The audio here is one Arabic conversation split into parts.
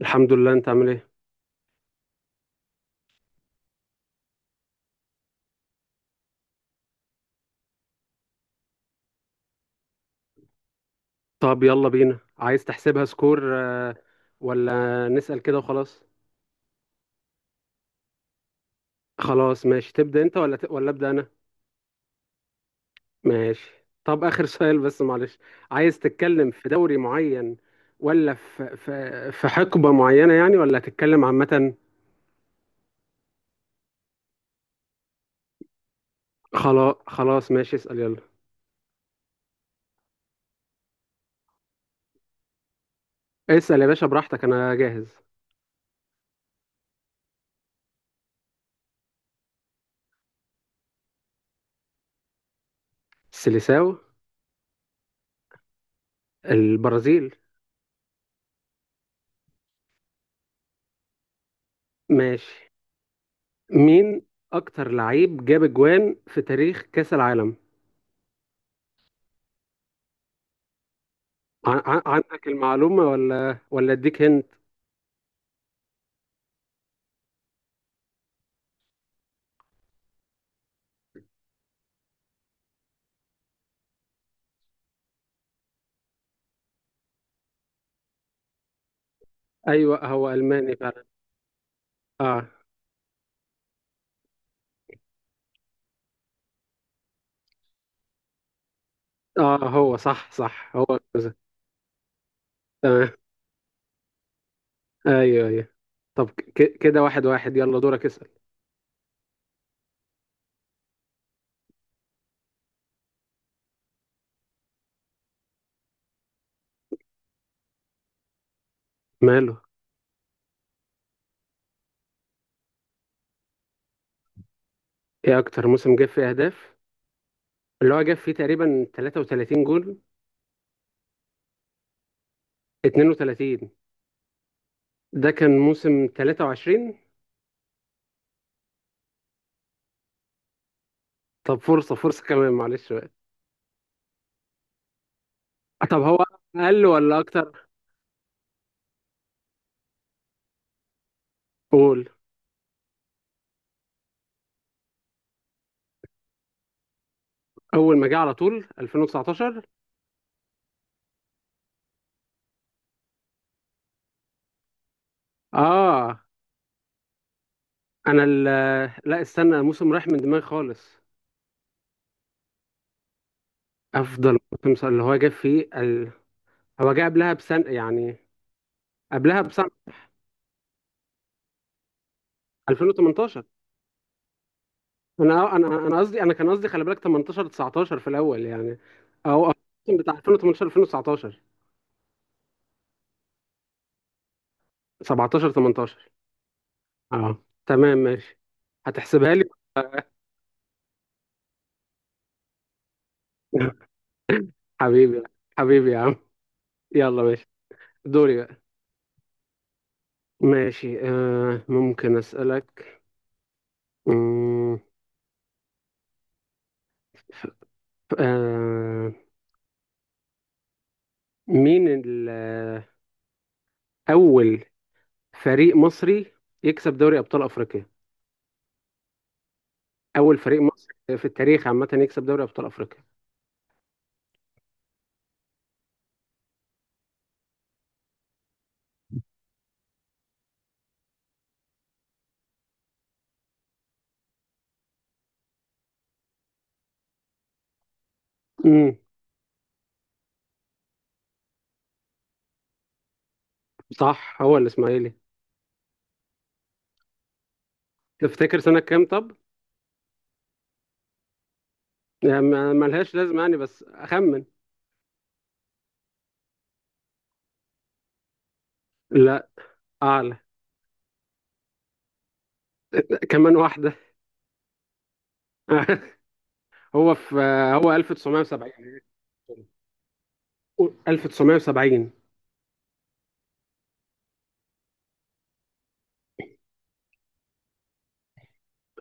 الحمد لله. انت عامل ايه؟ طب يلا بينا. عايز تحسبها سكور ولا نسأل كده وخلاص؟ خلاص ماشي. تبدأ انت ولا أبدأ انا؟ ماشي. طب آخر سؤال بس معلش. عايز تتكلم في دوري معين، ولا في حقبة معينة يعني، ولا هتتكلم عامة؟ خلاص خلاص ماشي. اسأل يلا. اسأل يا باشا براحتك، انا جاهز. السيليساو؟ البرازيل. ماشي. مين اكتر لعيب جاب اجوان في تاريخ كأس العالم؟ عندك المعلومة ولا اديك هنت؟ ايوه هو الماني فعلا. اه، اه، هو صح، صح هو كذا. تمام. ايوه، ايوه. طب كده 1-1. يلا دورك اسأل. ماله؟ ايه اكتر موسم جاب فيه اهداف؟ اللي هو جاب فيه تقريبا 33 جول. 32؟ ده كان موسم 23. طب فرصة، فرصة كمان معلش بقى. طب هو اقل ولا اكتر؟ قول. اول ما جه على طول 2019؟ اه. انا ال- لا استنى، الموسم راح من دماغي خالص. افضل موسم اللي هو جاب فيه. هو جاب قبلها بسنه يعني. قبلها بسنه. 2018. انا قصدي، انا كان قصدي خلي بالك 18 19 في الاول يعني. او. الموسم بتاع 2018 2019. 17 18. اه تمام ماشي. هتحسبها لي؟ حبيبي، حبيبي يا عم. يلا ماشي. دوري بقى. ماشي، ممكن اسالك، مم، آه مين ال- اول فريق مصري يكسب دوري ابطال افريقيا؟ اول فريق مصري في التاريخ عامه يكسب دوري ابطال افريقيا. امم صح هو الاسماعيلي. تفتكر سنه كام طب؟ يعني ملهاش لازمه يعني، بس اخمن. لا. اعلى. كمان واحده. هو في هو 1970. 1970.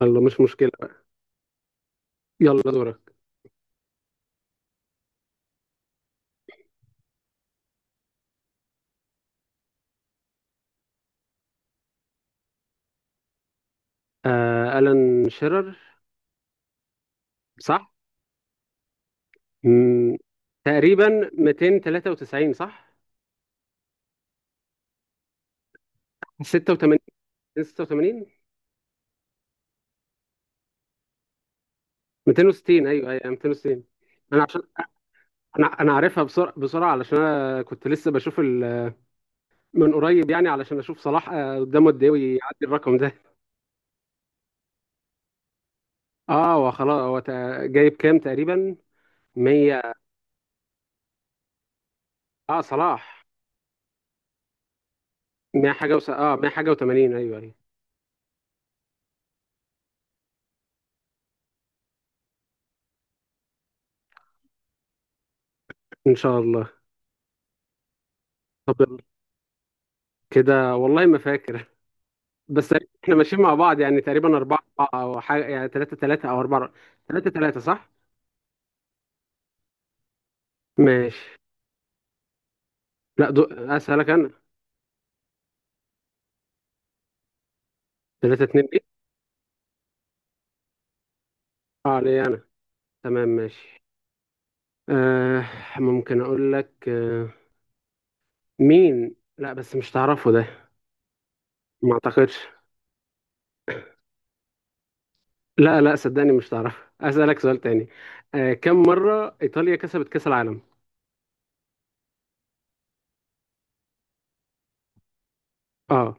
يلا مش مشكله بقى. يلا دورك. ألان شيرر. صح. امم تقريبا 293، صح؟ 86. 86. 260. ايوه، ايوه، 260. انا عشان انا عارفها بسرعه بسرعه، علشان انا كنت لسه بشوف من قريب يعني، علشان اشوف صلاح قدامه قد ايه ويعدي الرقم ده اه هو خلاص. جايب كام تقريبا؟ 100؟ اه صلاح. 100 حاجه اه، 100 حاجه و80. ايوه، ايوه. ان شاء الله. طب يلا. كده والله ما فاكر بس احنا ماشيين مع بعض يعني تقريبا 4. او حاجه يعني 3 3 او 4. 3 3، صح. ماشي. لا دو... اسالك انا. 3-2 ايه؟ اه، ليه انا. تمام ماشي. آه ممكن اقول لك مين؟ لا بس مش تعرفه ده. ما اعتقدش. لا، لا، صدقني مش تعرفه. اسالك سؤال تاني. كم مره ايطاليا كسبت كاس العالم؟ اه.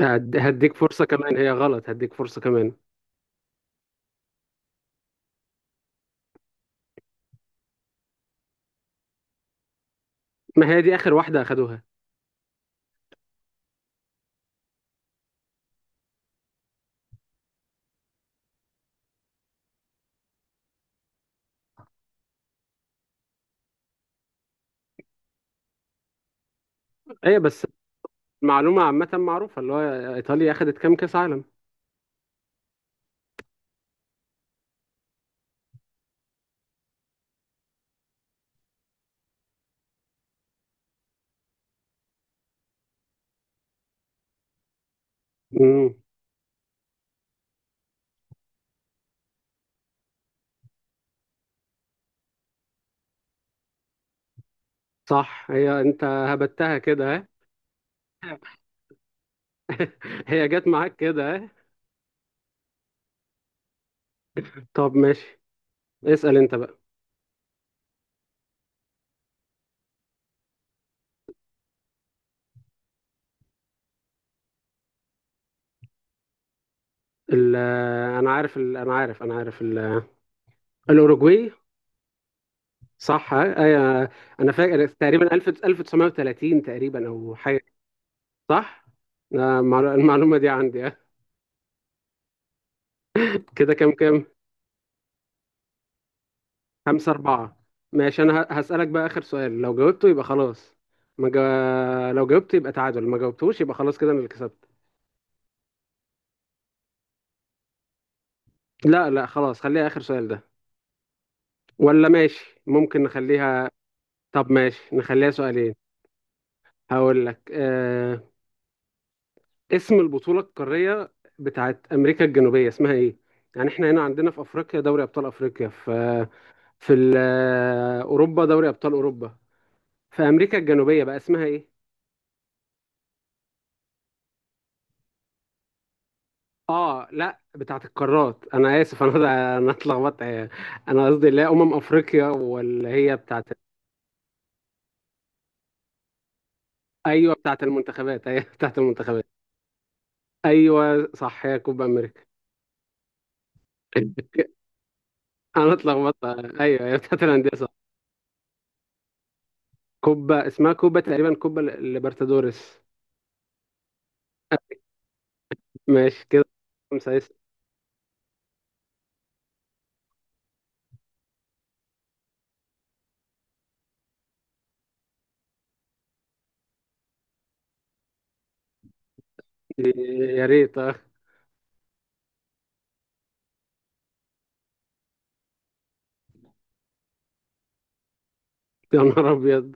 هديك فرصه كمان، هي غلط. هديك فرصه كمان. ما هي دي اخر واحده اخدوها. ايه بس، معلومه عامه معروفه اللي هو ايطاليا اخدت كام كاس عالم؟ امم صح هي انت هبتها كده، ها؟ هي جت معاك كده، ها؟ طب ماشي، اسال انت بقى. ال- انا عارف، انا عارف الأوروجواي. صح أنا فاكر تقريبا 1000 1930 تقريبا أو حاجة. صح؟ المعلومة دي عندي كده كام كام؟ 5-4. ماشي. أنا هسألك بقى آخر سؤال، لو جاوبته يبقى خلاص. ما جا... لو جاوبت يبقى تعادل، ما جاوبتوش يبقى خلاص كده أنا اللي كسبت. لا، لا خلاص، خليها آخر سؤال ده. ولا ماشي ممكن نخليها. طب ماشي، نخليها سؤالين. هقول لك اسم البطولة القارية بتاعت أمريكا الجنوبية اسمها إيه؟ يعني إحنا هنا عندنا في أفريقيا دوري أبطال أفريقيا، في أوروبا دوري أبطال أوروبا. في أمريكا الجنوبية بقى اسمها إيه؟ لا بتاعت القارات. أنا آسف، أنا أنا اتلخبطت. أنا قصدي اللي هي أمم أفريقيا، واللي هي بتاعت. أيوه بتاعت المنتخبات، أيوه بتاعت المنتخبات. أيوه صح، هي كوبا أمريكا. أنا اتلخبطت. أيوه هي بتاعت الأندية، صح. كوبا، اسمها كوبا تقريبا كوبا ليبرتادوريس. ماشي كده. خمسة يا ريت. يا نهار ابيض.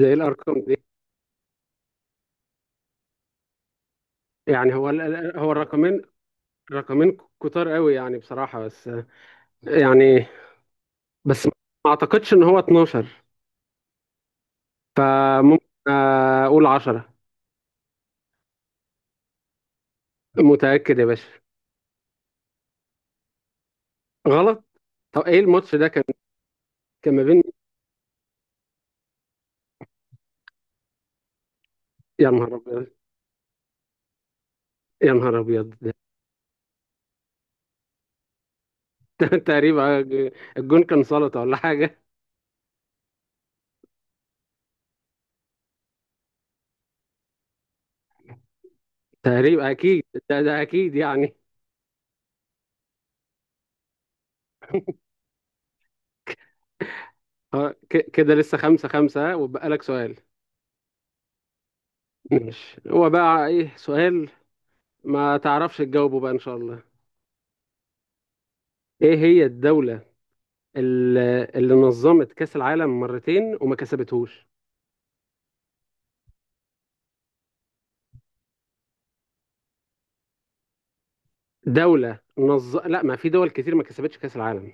ده ايه الارقام دي؟ يعني هو الرقمين، رقمين كتار قوي يعني بصراحة. بس يعني، بس ما اعتقدش ان هو 12. فممكن اقول 10. متأكد يا باشا؟ غلط. طب ايه الماتش ده كان؟ كان ما بين. يا نهار ابيض. يا نهار ابيض ده تقريبا الجون كان سلطة ولا حاجة؟ تقريبا اكيد. ده اكيد يعني. كده لسه 5-5، وبقى لك سؤال. ماشي، هو بقى ايه سؤال. ما تعرفش تجاوبه بقى ان شاء الله. ايه هي الدولة اللي نظمت كأس العالم مرتين وما كسبتهوش؟ لا ما في دول كتير ما كسبتش كأس العالم.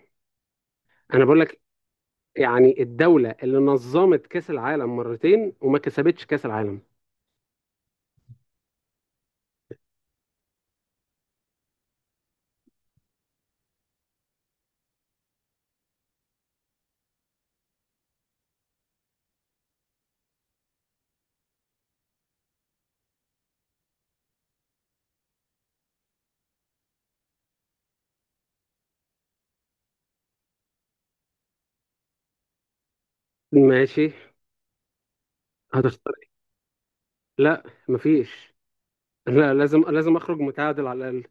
انا بقول لك، يعني الدولة اللي نظمت كأس العالم مرتين وما كسبتش كأس العالم. ماشي. هتختار إيه؟ لا، مفيش. لا لازم لازم اخرج متعادل على الاقل.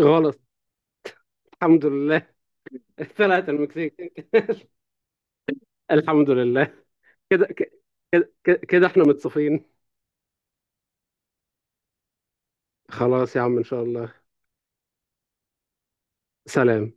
غلط. الحمد لله. طلعت المكسيك. الحمد لله. كده، كده، كده، كده، احنا متصافين. خلاص يا عم، ان شاء الله. سلام.